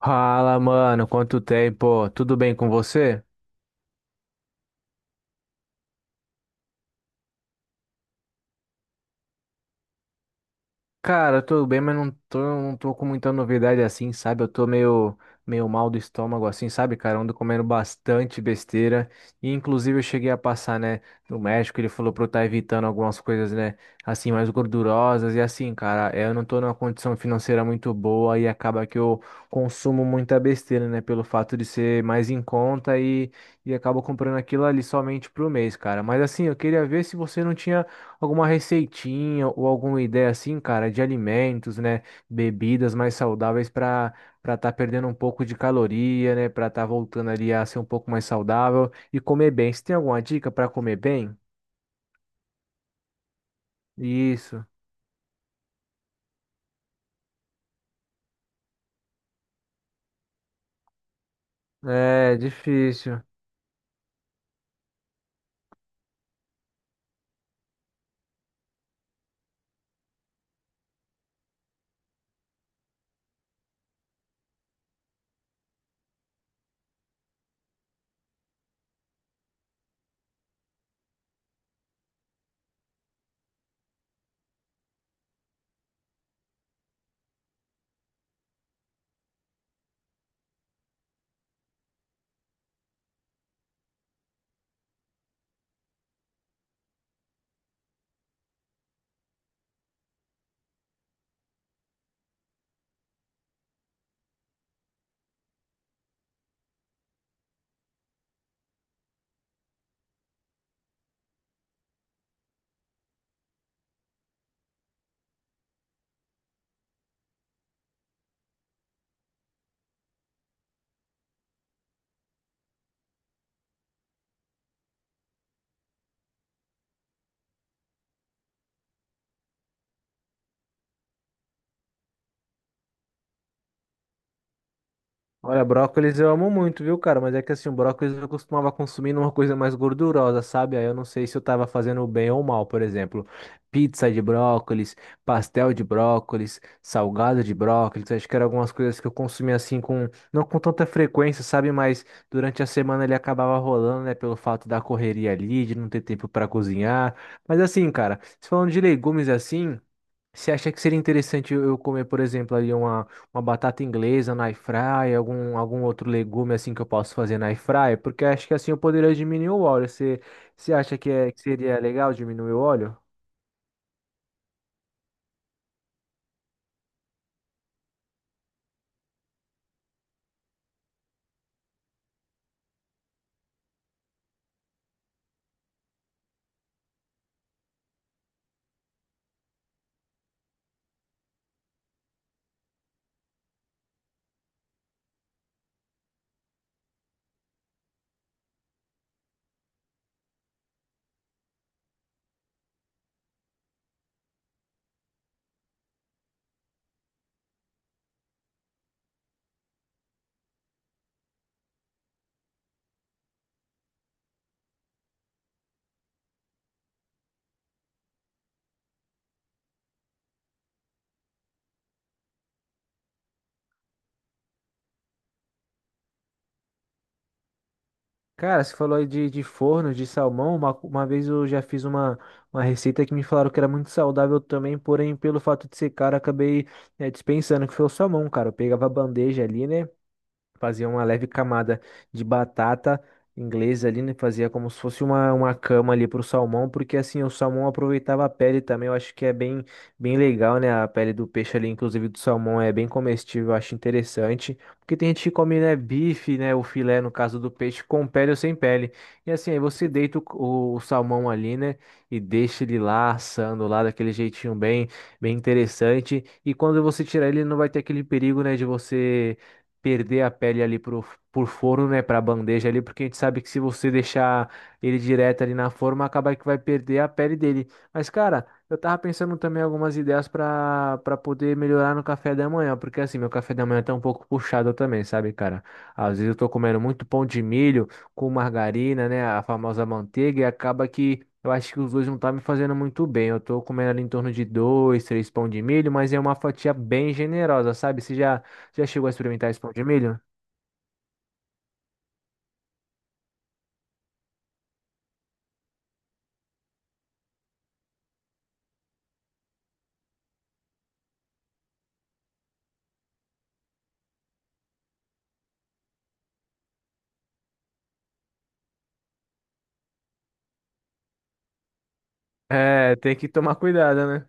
Fala, mano, quanto tempo? Tudo bem com você? Cara, eu tô bem, mas não tô com muita novidade assim, sabe? Eu tô meio mal do estômago assim, sabe, cara? Eu ando comendo bastante besteira. E inclusive eu cheguei a passar, né, no médico, ele falou pra eu estar evitando algumas coisas, né, assim, mais gordurosas. E assim, cara, eu não tô numa condição financeira muito boa e acaba que eu consumo muita besteira, né, pelo fato de ser mais em conta e acabo comprando aquilo ali somente pro mês, cara. Mas assim, eu queria ver se você não tinha alguma receitinha ou alguma ideia assim, cara, de alimentos, né? Bebidas mais saudáveis para estar perdendo um pouco de caloria, né? Para estar voltando ali a ser um pouco mais saudável e comer bem. Você tem alguma dica para comer bem? Isso. É difícil. Olha, brócolis eu amo muito, viu, cara? Mas é que assim, o brócolis eu costumava consumir numa coisa mais gordurosa, sabe? Aí eu não sei se eu tava fazendo bem ou mal, por exemplo, pizza de brócolis, pastel de brócolis, salgado de brócolis. Acho que eram algumas coisas que eu consumia assim com, não com tanta frequência, sabe? Mas durante a semana ele acabava rolando, né? Pelo fato da correria ali, de não ter tempo pra cozinhar. Mas assim, cara, se falando de legumes assim. Você acha que seria interessante eu comer, por exemplo, ali uma batata inglesa na air fryer, algum outro legume assim que eu posso fazer na air fryer? Porque acho que assim eu poderia diminuir o óleo. Você acha que, que seria legal diminuir o óleo? Cara, você falou aí de forno, de salmão. Uma vez eu já fiz uma receita que me falaram que era muito saudável também, porém, pelo fato de ser caro, né, dispensando, que foi o salmão, cara. Eu pegava a bandeja ali, né? Fazia uma leve camada de batata inglesa ali, né? Fazia como se fosse uma cama ali pro salmão, porque assim, o salmão aproveitava a pele também, eu acho que é bem, bem legal, né? A pele do peixe ali, inclusive do salmão, é bem comestível, eu acho interessante. Porque tem gente que come, né, bife, né, o filé, no caso do peixe, com pele ou sem pele. E assim, aí você deita o salmão ali, né, e deixa ele lá assando lá daquele jeitinho bem, bem interessante. E quando você tirar ele, não vai ter aquele perigo, né, de você perder a pele ali por forno, né, pra bandeja ali, porque a gente sabe que se você deixar ele direto ali na forma, acaba que vai perder a pele dele. Mas, cara, eu tava pensando também algumas ideias pra para poder melhorar no café da manhã, porque assim, meu café da manhã tá um pouco puxado também, sabe, cara? Às vezes eu tô comendo muito pão de milho com margarina, né, a famosa manteiga, e acaba que eu acho que os dois não tá me fazendo muito bem. Eu tô comendo ali em torno de dois, três pão de milho, mas é uma fatia bem generosa, sabe? Você já chegou a experimentar esse pão de milho? É, tem que tomar cuidado, né?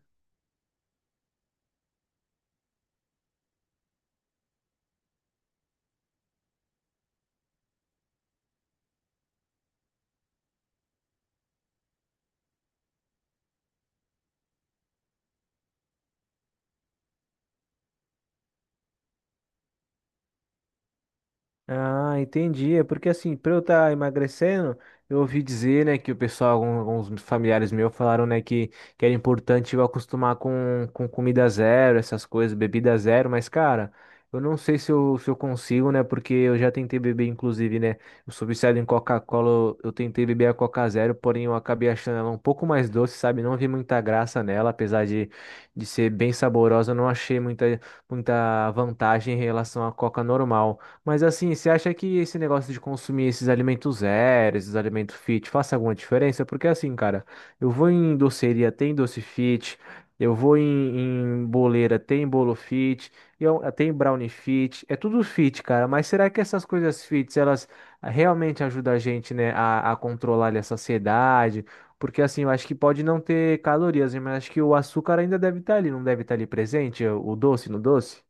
Ah, entendi. É porque assim, pra eu estar emagrecendo, eu ouvi dizer, né, que o pessoal, alguns familiares meus falaram, né, que era importante eu acostumar com comida zero, essas coisas, bebida zero, mas, cara, eu não sei se eu, se eu consigo, né, porque eu já tentei beber, inclusive, né, eu sou viciado em Coca-Cola, eu tentei beber a Coca Zero, porém eu acabei achando ela um pouco mais doce, sabe? Não vi muita graça nela, apesar de ser bem saborosa, eu não achei muita, muita vantagem em relação à Coca normal. Mas assim, você acha que esse negócio de consumir esses alimentos zero, esses alimentos fit, faça alguma diferença? Porque assim, cara, eu vou em doceria, tem doce fit, eu vou em, em boleira, tem bolo fit, eu, tem brownie fit, é tudo fit, cara. Mas será que essas coisas fits, elas realmente ajudam a gente, né, a controlar ali a saciedade? Porque assim, eu acho que pode não ter calorias, né, mas acho que o açúcar ainda deve estar ali, não deve estar ali presente, o doce no doce?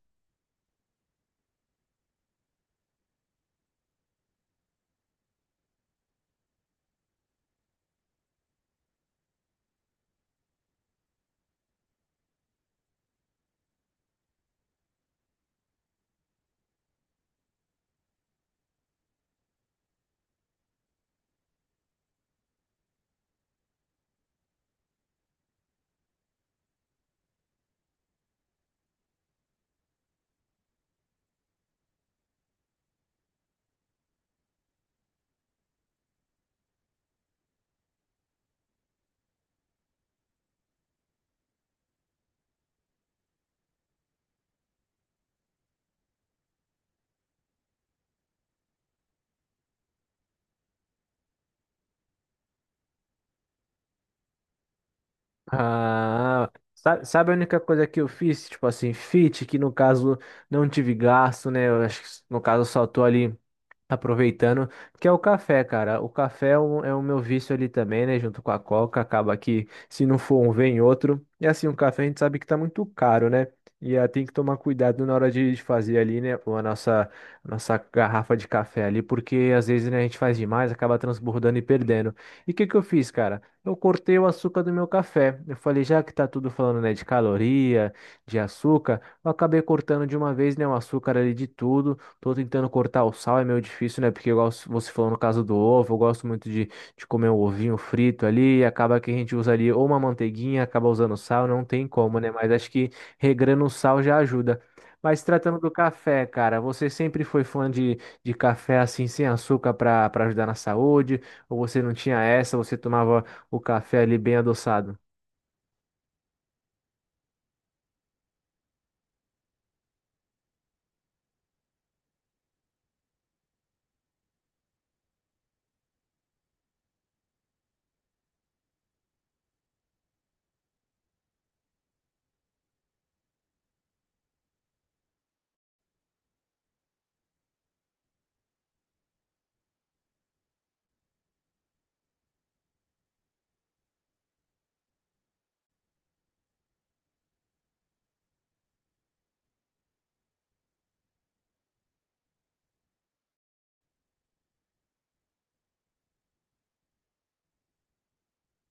Ah, sabe a única coisa que eu fiz? Tipo assim, fit, que no caso não tive gasto, né? Eu acho que no caso saltou ali. Aproveitando, que é o café, cara. O café é é o meu vício ali também, né? Junto com a Coca, acaba que se não for um, vem outro. E assim, o café a gente sabe que tá muito caro, né? E tem que tomar cuidado na hora de fazer ali, né? A nossa garrafa de café ali, porque às vezes, né, a gente faz demais, acaba transbordando e perdendo. E o que que eu fiz, cara? Eu cortei o açúcar do meu café. Eu falei, já que tá tudo falando, né, de caloria, de açúcar, eu acabei cortando de uma vez, né, o açúcar ali de tudo. Tô tentando cortar o sal, é meio difícil, né? Porque, igual você falou no caso do ovo, eu gosto muito de comer um ovinho frito ali, e acaba que a gente usa ali ou uma manteiguinha, acaba usando sal, não tem como, né? Mas acho que regrando o sal já ajuda. Mas tratando do café, cara, você sempre foi fã de café assim, sem açúcar para ajudar na saúde? Ou você não tinha essa, você tomava o café ali bem adoçado?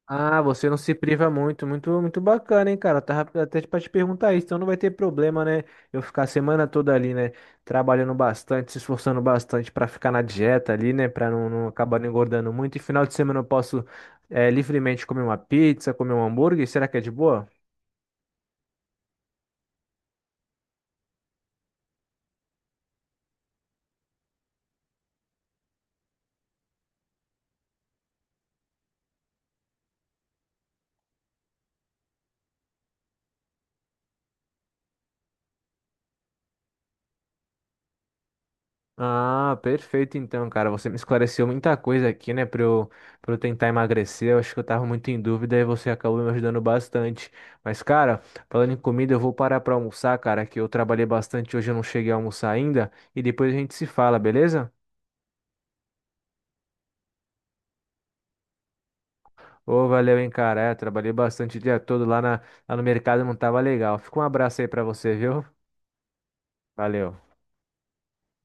Ah, você não se priva muito, muito, muito bacana, hein, cara? Eu tava até pra te perguntar isso, então não vai ter problema, né? Eu ficar a semana toda ali, né? Trabalhando bastante, se esforçando bastante pra ficar na dieta ali, né? Pra não, não acabar não engordando muito. E final de semana eu posso, livremente comer uma pizza, comer um hambúrguer. Será que é de boa? Ah, perfeito então, cara. Você me esclareceu muita coisa aqui, né, pra eu tentar emagrecer. Eu acho que eu tava muito em dúvida e você acabou me ajudando bastante. Mas, cara, falando em comida, eu vou parar pra almoçar, cara, que eu trabalhei bastante hoje, eu não cheguei a almoçar ainda. E depois a gente se fala, beleza? Ô, valeu, hein, cara. É, trabalhei bastante o dia todo lá, na, lá no mercado, não tava legal. Fica um abraço aí pra você, viu? Valeu.